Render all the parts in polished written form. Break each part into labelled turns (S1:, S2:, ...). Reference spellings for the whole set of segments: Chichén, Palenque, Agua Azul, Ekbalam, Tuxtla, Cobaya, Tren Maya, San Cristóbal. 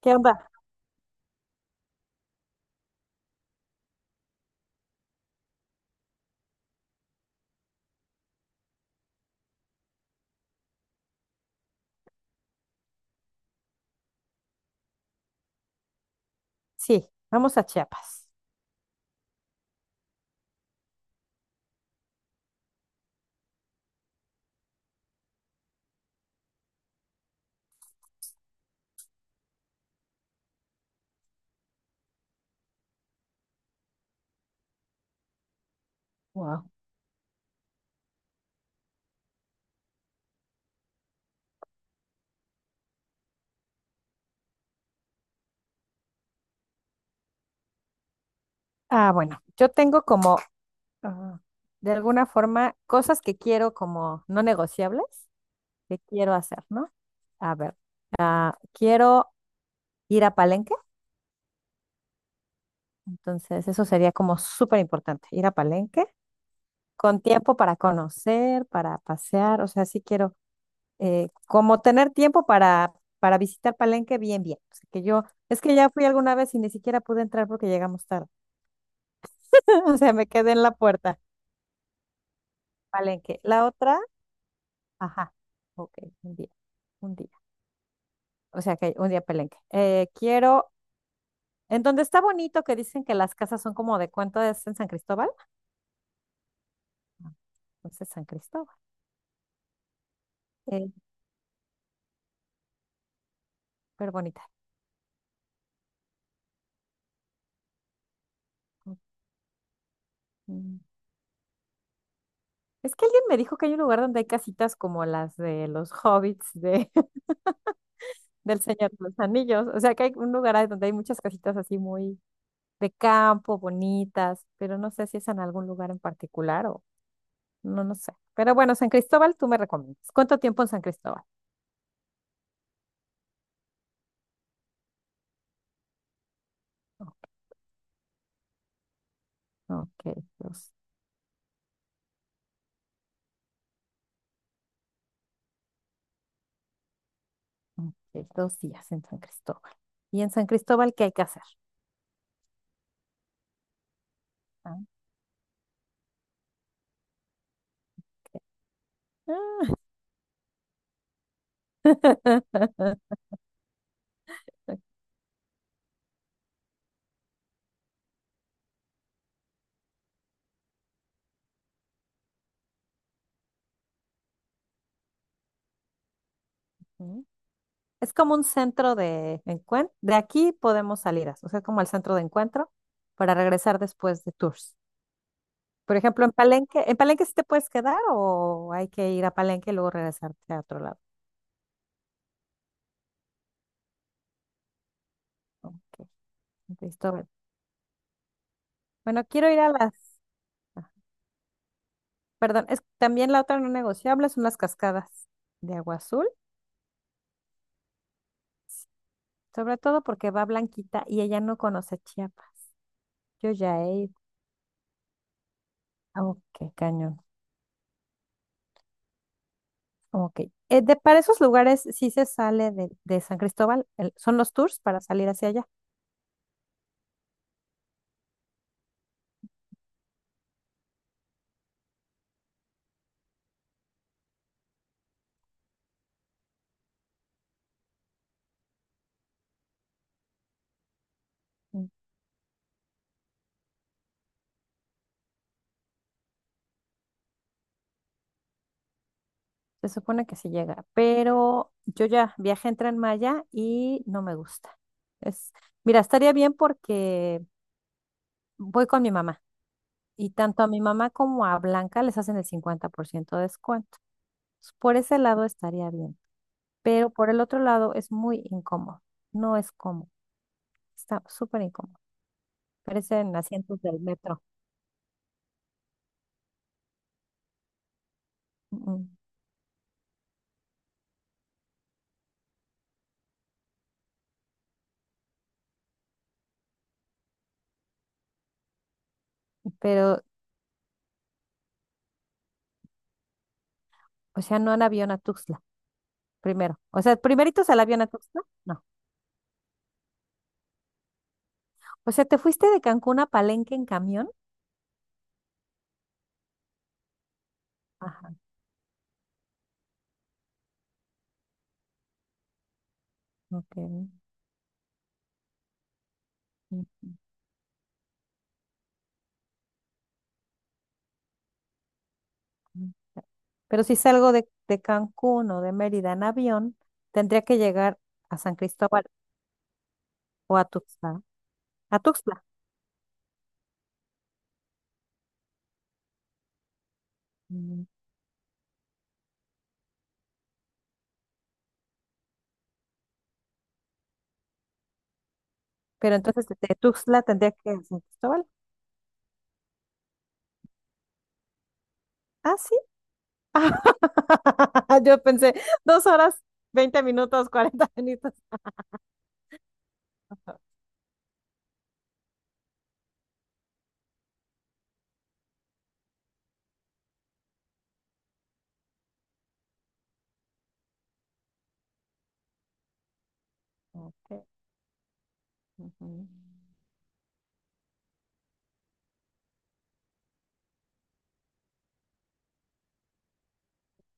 S1: ¿Qué onda? Sí, vamos a Chiapas. Wow. Ah, bueno, yo tengo como, ah, de alguna forma, cosas que quiero como no negociables, que quiero hacer, ¿no? A ver, quiero ir a Palenque, entonces eso sería como súper importante, ir a Palenque con tiempo para conocer, para pasear, o sea, sí quiero, como tener tiempo para visitar Palenque bien, bien. O sea, que yo, es que ya fui alguna vez y ni siquiera pude entrar porque llegamos tarde, o sea, me quedé en la puerta. Palenque. La otra, ajá, ok, un día, un día. O sea que un día Palenque. Quiero, en donde está bonito que dicen que las casas son como de cuánto es en San Cristóbal. Ah, Entonces San Cristóbal, eh, súper bonita. Mm. Es que alguien me dijo que hay un lugar donde hay casitas como las de los hobbits del Señor de los Anillos. O sea que hay un lugar ahí donde hay muchas casitas así muy de campo, bonitas, pero no sé si es en algún lugar en particular o no, no sé. Pero bueno, San Cristóbal, tú me recomiendas. ¿Cuánto tiempo en San Cristóbal? Oh, ok, dos, ok, 2 días en San Cristóbal. ¿Y en San Cristóbal qué hay que hacer? Ah. Mm. Es como un centro de encuentro. De aquí podemos salir, o sea, como el centro de encuentro para regresar después de tours. Por ejemplo, ¿en Palenque sí te puedes quedar o hay que ir a Palenque y luego regresarte a otro lado? Ok, San Cristóbal. Bueno, quiero ir a las... Perdón, también la otra no negociable son las cascadas de agua azul, sobre todo porque va Blanquita y ella no conoce Chiapas. Yo ya he ido. Ok, cañón. Ok. Para esos lugares sí se sale de San Cristóbal, son los tours para salir hacia allá. Se supone que sí llega, pero yo ya viajé en Tren Maya y no me gusta. Es, mira, estaría bien porque voy con mi mamá y tanto a mi mamá como a Blanca les hacen el 50% de descuento. Entonces, por ese lado estaría bien, pero por el otro lado es muy incómodo. No es cómodo, está súper incómodo. Parecen asientos del metro. Mm, Pero, o sea, no en avión a Tuxtla, primero. O sea, primeritos al avión a Tuxtla, no. O sea, te fuiste de Cancún a Palenque en camión. Ok. Ujú. Pero si salgo de Cancún o de Mérida en avión, tendría que llegar a San Cristóbal o a Tuxtla. A Tuxtla. Mm. Pero entonces de Tuxtla tendría que ir a San Cristóbal. Ah, sí. Yo pensé, 2 horas, 20 minutos, 40 minutos. Ok, ujú,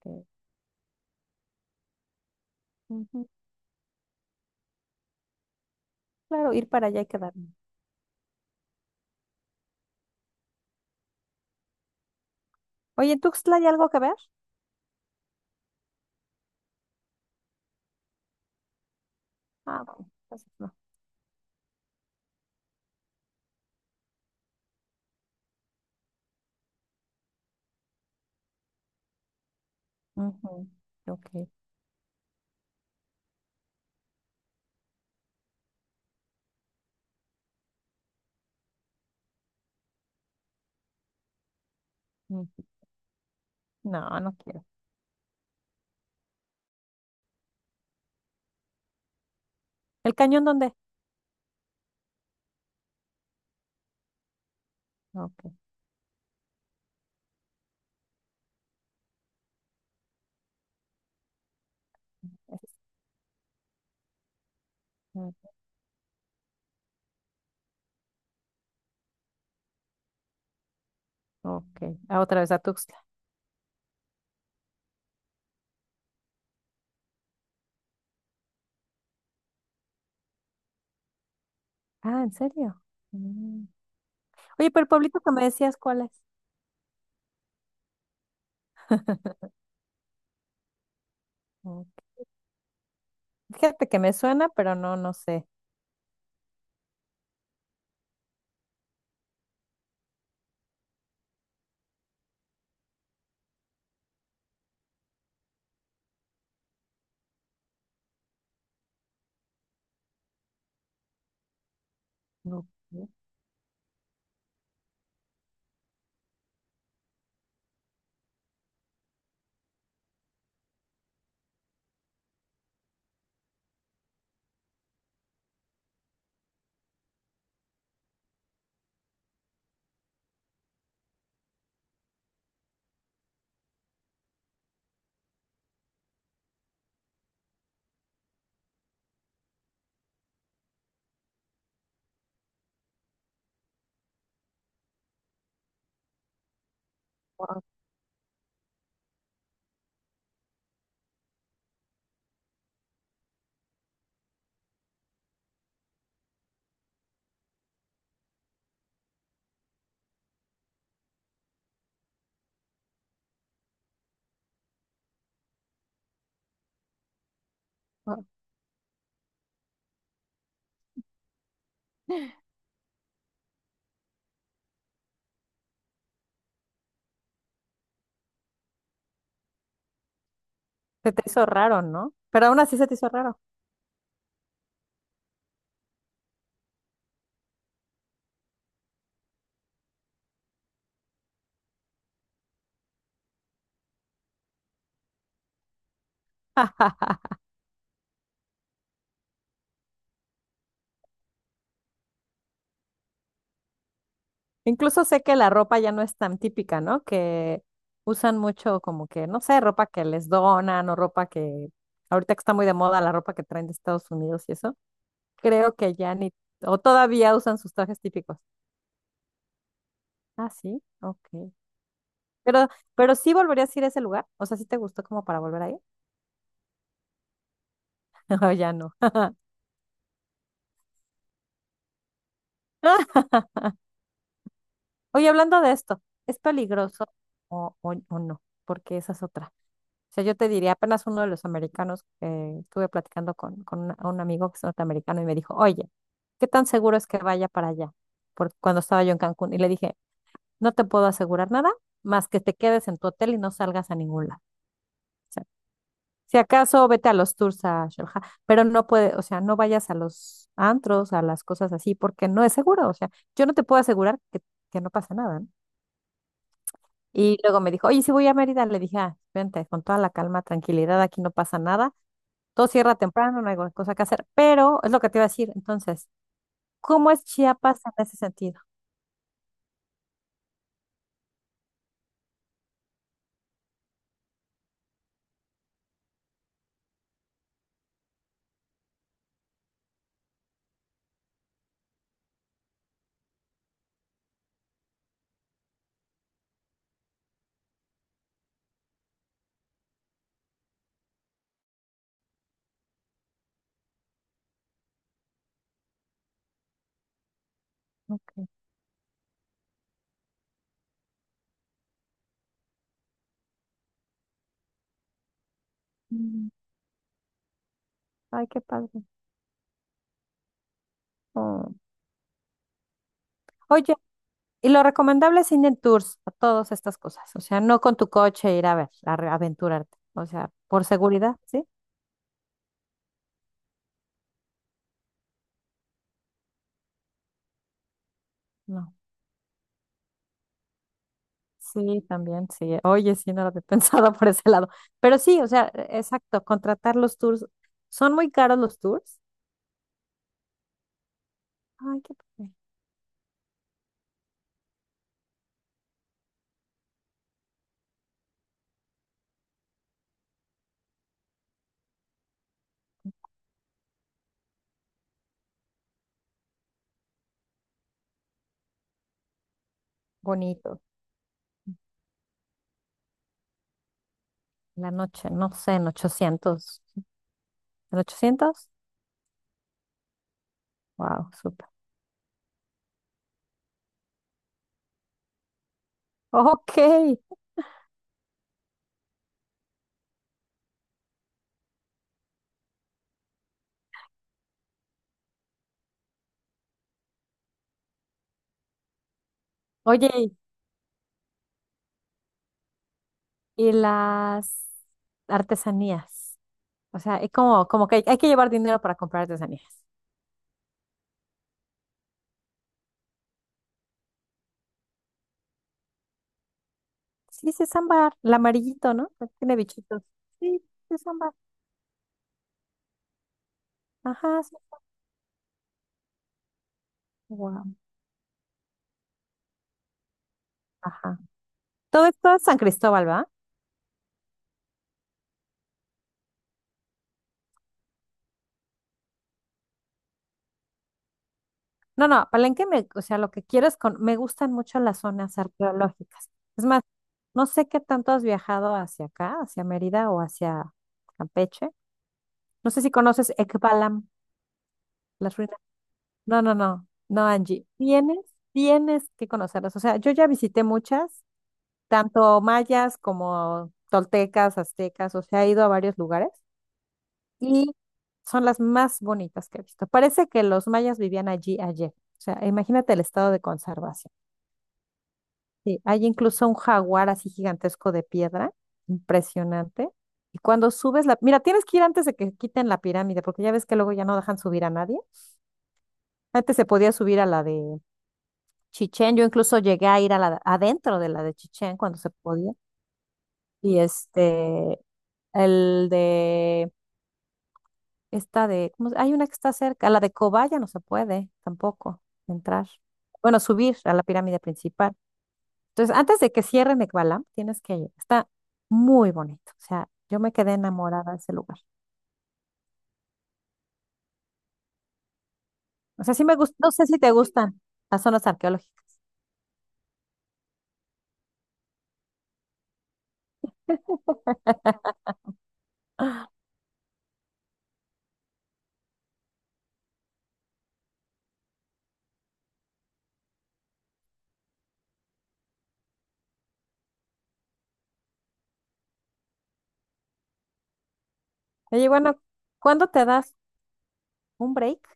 S1: ok, ujú. Claro, ir para allá y quedarme. Oye, ¿en Tuxtla hay algo que ver? Ah, bueno, entonces no. Ujú, ok, ujú. No, no quiero. ¿El cañón dónde? Ok. es- mm, Ok. Ah, otra vez a Tuxtla. Ah, ¿en serio? Mm. Oye, pero el pueblito que me decías, ¿cuál es? Ok. Fíjate que me suena, pero no, no sé. Ok. Ah, se te hizo raro, ¿no? Pero aún así se te hizo raro. Incluso sé que la ropa ya no es tan típica, ¿no? Que usan mucho como que, no sé, ropa que les donan o ropa que ahorita que está muy de moda la ropa que traen de Estados Unidos y eso. Creo que ya ni, o todavía usan sus trajes típicos. Ah, sí, ok. Pero, pero sí volverías a ir a ese lugar. O sea, ¿sí te gustó como para volver ahí? O ya no. Oye, hablando de esto, ¿es peligroso o no? Porque esa es otra. O sea, yo te diría, apenas uno de los americanos que estuve platicando con, un amigo que es norteamericano y me dijo, oye, ¿qué tan seguro es que vaya para allá? Porque cuando estaba yo en Cancún y le dije, no te puedo asegurar nada más que te quedes en tu hotel y no salgas a ningún lado. Si acaso vete a los tours a Sharjah, pero no puede, o sea, no vayas a los antros, a las cosas así, porque no es seguro. O sea, yo no te puedo asegurar que no pasa nada, ¿no? Y luego me dijo, oye, si voy a Mérida, le dije, ah, vente, con toda la calma, tranquilidad, aquí no pasa nada, todo cierra temprano, no hay cosa que hacer, pero es lo que te iba a decir, entonces, ¿cómo es Chiapas en ese sentido? Ok. Mm. Ay, qué padre. Oh. Oye, y lo recomendable es ir en tours a todas estas cosas. O sea, no con tu coche ir a ver, a aventurarte. O sea, por seguridad, ¿sí? No. Sí, también, sí. Oye, sí, no lo había pensado por ese lado. Pero sí, o sea, exacto, contratar los tours. ¿Son muy caros los tours? Ay, qué padre. Bonito. La noche, no sé, en 800. ¿En 800? Wow, súper. Ok. Oye, y las artesanías. O sea, es como que hay que llevar dinero para comprar artesanías. Sí, sí es ámbar, el amarillito, ¿no? Que tiene bichitos. Sí, sí es ámbar. Ajá, sí. Guau, ajá. Todo esto es San Cristóbal, ¿va? No, no, Palenque, o sea, lo que quiero es me gustan mucho las zonas arqueológicas. Es más, no sé qué tanto has viajado hacia acá, hacia Mérida o hacia Campeche. No sé si conoces Ekbalam, las ruinas. No, no, no, no, Angie. Tienes que conocerlas. O sea, yo ya visité muchas tanto mayas como toltecas, aztecas, o sea, he ido a varios lugares y son las más bonitas que he visto. Parece que los mayas vivían allí ayer. O sea, imagínate el estado de conservación. Sí, hay incluso un jaguar así gigantesco de piedra, impresionante. Mira, tienes que ir antes de que quiten la pirámide, porque ya ves que luego ya no dejan subir a nadie. Antes se podía subir a la de Chichén. Yo incluso llegué a ir adentro de la de Chichén cuando se podía. Y El de esta de, ¿cómo se- hay una que está cerca, la de Cobaya no se puede tampoco entrar. Bueno, subir a la pirámide principal. Entonces, antes de que cierren Ekbalam, tienes que ir. Está muy bonito. O sea, yo me quedé enamorada de ese lugar. O sea, sí me gusta, no sé si te gustan las zonas arqueológicas. Oye, bueno, ¿cuándo te das un break?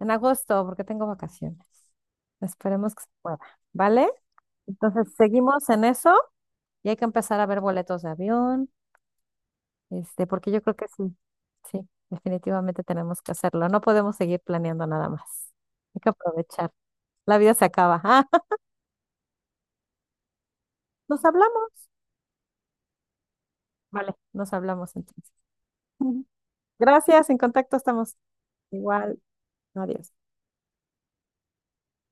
S1: En agosto, porque tengo vacaciones. Esperemos que se pueda, ¿vale? Entonces, seguimos en eso y hay que empezar a ver boletos de avión. Porque yo creo que sí, sí, definitivamente tenemos que hacerlo. No podemos seguir planeando nada más. Hay que aprovechar. La vida se acaba. Ah, nos hablamos. Vale, nos hablamos entonces. Gracias, en contacto estamos. Igual, adiós.